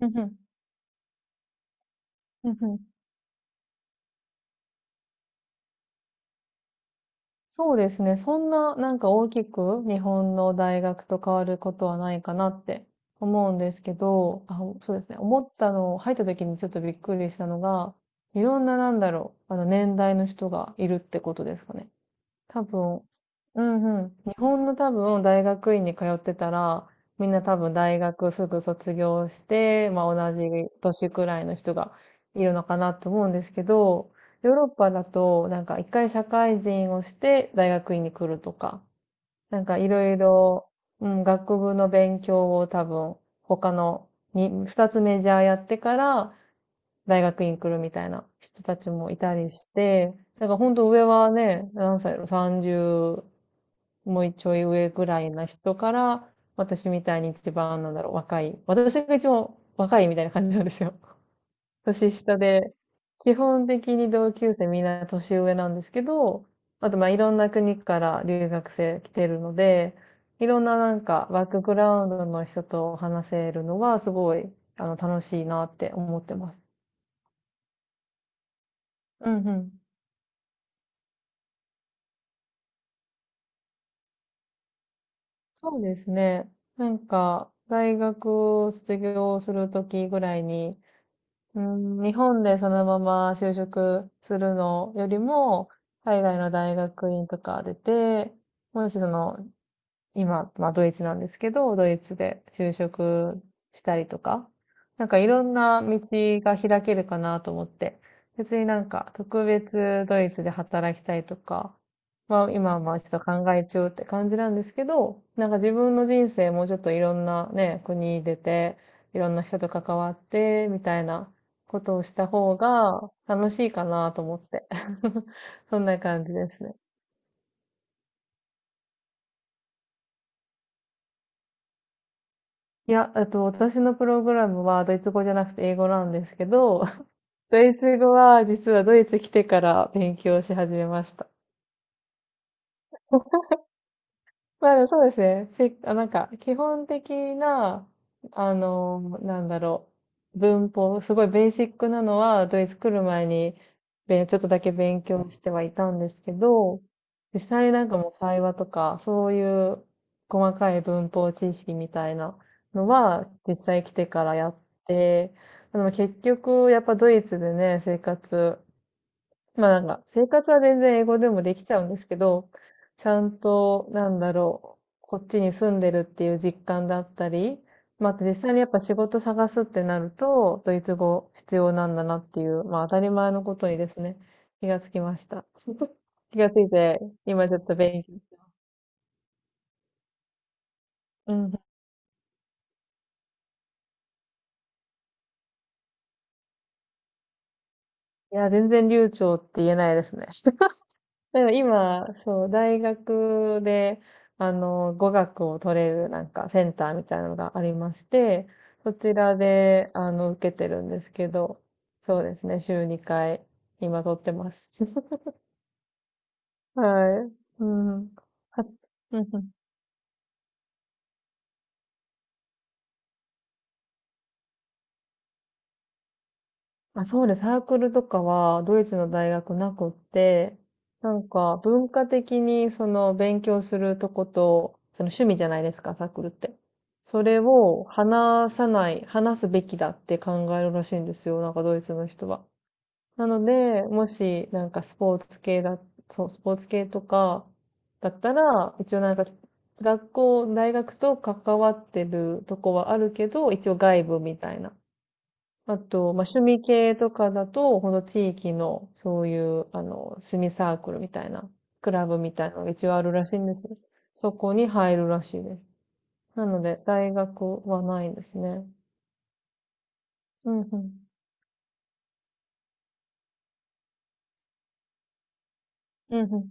うんうん。うんうん。そうですね。そんな、なんか大きく日本の大学と変わることはないかなって思うんですけど、あ、そうですね。思ったの、入った時にちょっとびっくりしたのが、いろんな、なんだろう、あの年代の人がいるってことですかね。多分、うんうん。日本の多分大学院に通ってたら、みんな多分大学すぐ卒業して、まあ同じ年くらいの人がいるのかなと思うんですけど、ヨーロッパだとなんか一回社会人をして大学院に来るとか、なんかいろいろ、うん、学部の勉強を多分他のに2つメジャーやってから大学院来るみたいな人たちもいたりして、だから本当上はね、何歳やろ、30もうちょい上ぐらいな人から、私みたいに一番、なんだろう、若い。私が一番若いみたいな感じなんですよ。年下で、基本的に同級生みんな年上なんですけど、あとまあいろんな国から留学生来てるので、いろんな、なんかバックグラウンドの人と話せるのはすごい、あの楽しいなって思ってます。うんうん。そうですね。なんか、大学を卒業するときぐらいに、うん、日本でそのまま就職するのよりも、海外の大学院とか出て、もしその今、まあドイツなんですけど、ドイツで就職したりとか、なんかいろんな道が開けるかなと思って、別になんか特別ドイツで働きたいとか、まあ今はまあちょっと考え中って感じなんですけど、なんか自分の人生もうちょっといろんなね、国出て、いろんな人と関わって、みたいなことをした方が楽しいかなと思って。そんな感じですね。いや、私のプログラムはドイツ語じゃなくて英語なんですけど、ドイツ語は実はドイツ来てから勉強し始めました。まあそうですね。あ、なんか、基本的な、あの、なんだろう、文法、すごいベーシックなのは、ドイツ来る前に、ちょっとだけ勉強してはいたんですけど、実際になんかもう会話とか、そういう細かい文法知識みたいなのは、実際来てからやって、でも結局、やっぱドイツでね、生活、まあなんか、生活は全然英語でもできちゃうんですけど、ちゃんと、なんだろう、こっちに住んでるっていう実感だったり、まああと実際にやっぱ仕事探すってなると、ドイツ語必要なんだなっていう、まあ当たり前のことにですね、気がつきました。気がついて、今ちょっと勉強して。うん。いや、全然流暢って言えないですね。だから今、そう、大学で、あの、語学を取れるなんかセンターみたいなのがありまして、そちらで、あの、受けてるんですけど、そうですね、週2回、今取ってます。はい。うん。はうんうん。まあ、そうです。サークルとかはドイツの大学なくって、なんか文化的にその勉強するとこと、その趣味じゃないですか、サークルって。それを話さない、話すべきだって考えるらしいんですよ、なんかドイツの人は。なので、もしなんかスポーツ系だ、そう、スポーツ系とかだったら、一応なんか学校、大学と関わってるとこはあるけど、一応外部みたいな。あと、まあ、趣味系とかだと、この地域の、そういう、あの、趣味サークルみたいな、クラブみたいなのが一応あるらしいんですよ。そこに入るらしいです。なので、大学はないですね。うんうん。うんうん。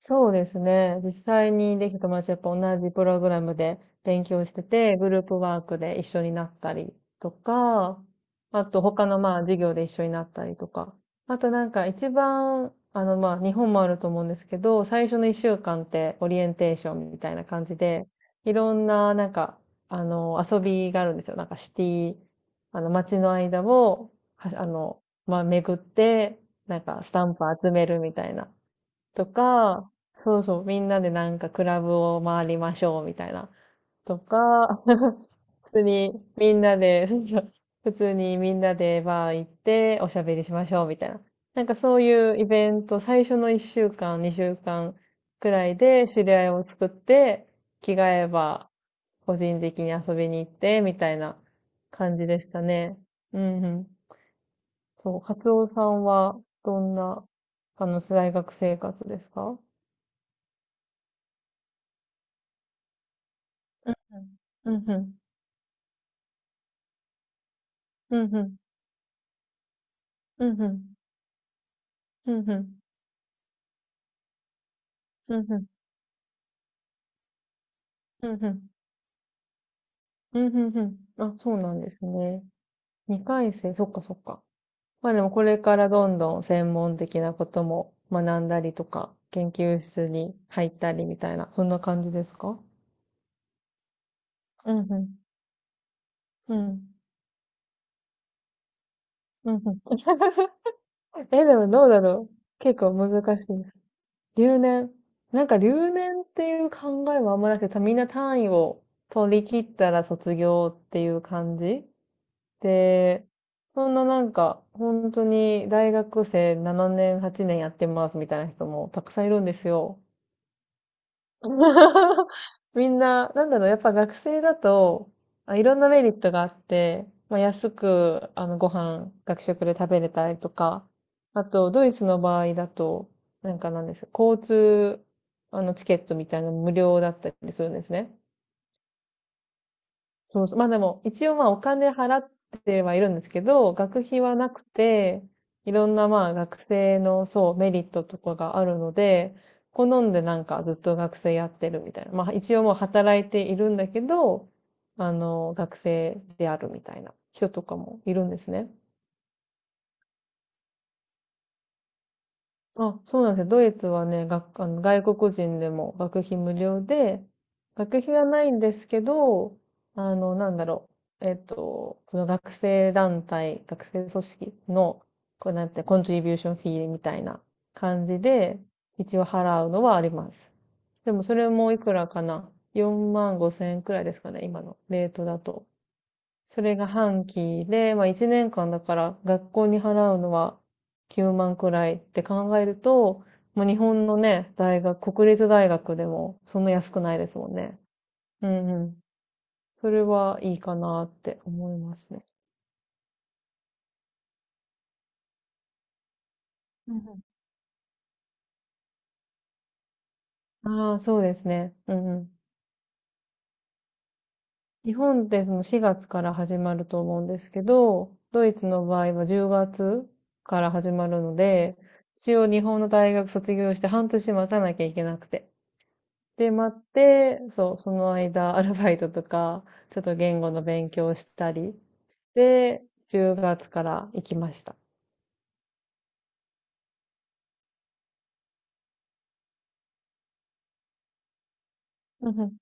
そうですね。実際にできた友達やっぱ同じプログラムで勉強してて、グループワークで一緒になったりとか、あと他のまあ授業で一緒になったりとか。あとなんか一番、あのまあ日本もあると思うんですけど、最初の1週間ってオリエンテーションみたいな感じで、いろんな、なんか、あの遊びがあるんですよ。なんかシティ、あの街の間を、あの、まあ巡って、なんかスタンプ集めるみたいな。とか、そうそう、みんなでなんかクラブを回りましょうみたいな。とか、普通にみんなで、そうそう普通にみんなでバー行っておしゃべりしましょうみたいな。なんかそういうイベント、最初の1週間、2週間くらいで知り合いを作って、着替えば個人的に遊びに行ってみたいな感じでしたね。うんうん。そう、カツオさんはどんな、あの、大学生活ですか？うんふん、うんふん、うんふん、うんふん、うんふん、うんふん、うんふん、うんふん。あ、そうなんですね。2回生、そっかそっか。まあでもこれからどんどん専門的なことも学んだりとか、研究室に入ったりみたいな、そんな感じですか？うんふん、うん、うんふん。え、でもどうだろう。結構難しいです。留年。なんか留年っていう考えはあんまなくて、みんな単位を取り切ったら卒業っていう感じで、そんな、なんか、本当に大学生7年、8年やってますみたいな人もたくさんいるんですよ。みんな、なんだろう、やっぱ学生だと、あ、いろんなメリットがあって、まあ、安く、あの、ご飯、学食で食べれたりとか、あと、ドイツの場合だと、なんか、なんです、交通、あの、チケットみたいなの無料だったりするんですね。そうそう。まあでも、一応まあお金払ってはいるんですけど、学費はなくて、いろんなまあ学生のそうメリットとかがあるので、好んでなんかずっと学生やってるみたいな。まあ一応もう働いているんだけど、あの、学生であるみたいな人とかもいるんですね。あ、そうなんですよ。ドイツはね、あの外国人でも学費無料で、学費はないんですけど、あの、なんだろう。その学生団体、学生組織の、こうなんて、コントリビューションフィーみたいな感じで、一応払うのはあります。でもそれもいくらかな？ 4 万5千円くらいですかね、今のレートだと。それが半期で、まあ1年間だから学校に払うのは9万くらいって考えると、まあ日本のね、大学、国立大学でもそんな安くないですもんね。うんうん。それはいいかなって思いますね。うんうん。ああ、そうですね。うんうん。日本ってその4月から始まると思うんですけど、ドイツの場合は10月から始まるので、一応日本の大学卒業して半年待たなきゃいけなくて。で、待って、そう、その間、アルバイトとか、ちょっと言語の勉強をしたり、で、10月から行きました。うんうん。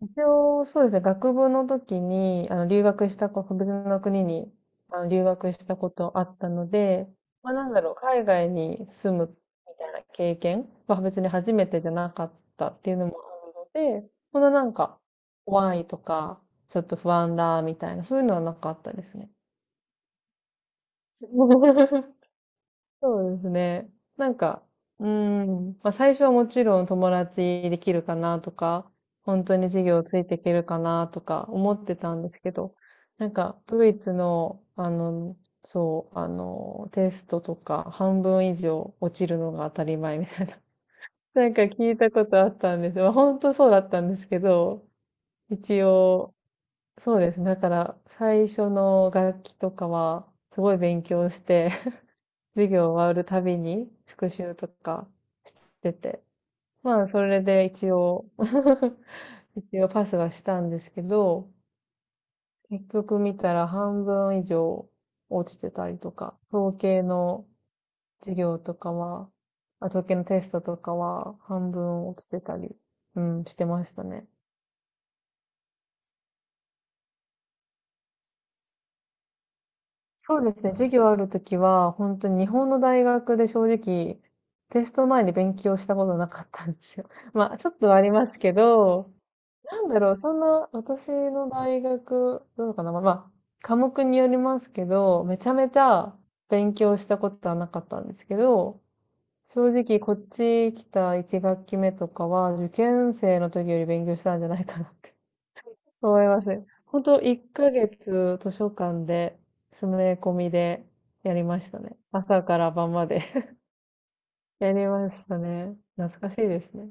一応、そうですね、学部の時に、あの、留学したこ、別の国に、あの、留学したことあったので、まあ、なんだろう、海外に住むみたいな経験は別に初めてじゃなかったっていうのもあるので、そんな、なんか、怖いとか、ちょっと不安だ、みたいな、そういうのはなかったですね。そうですね。なんか、うーん、まあ最初はもちろん友達できるかなとか、本当に授業ついていけるかなとか思ってたんですけど、なんかドイツの、あの、そう、あの、テストとか半分以上落ちるのが当たり前みたいな。なんか聞いたことあったんです。まあ本当そうだったんですけど、一応、そうですね。だから最初の楽器とかはすごい勉強して、授業終わるたびに復習とかしてて。まあ、それで一応 一応パスはしたんですけど、結局見たら半分以上落ちてたりとか、授業とかは、統計のテストとかは半分落ちてたり、うん、してましたね。そうですね。授業あるときは、本当に日本の大学で正直、テスト前に勉強したことなかったんですよ。まあ、ちょっとはありますけど、なんだろう、そんな、私の大学、どうかな、まあ、まあ科目によりますけど、めちゃめちゃ勉強したことはなかったんですけど、正直こっち来た1学期目とかは、受験生の時より勉強したんじゃないかなって思いますね。本当1ヶ月図書館で、詰め込みでやりましたね。朝から晩まで やりましたね。懐かしいですね。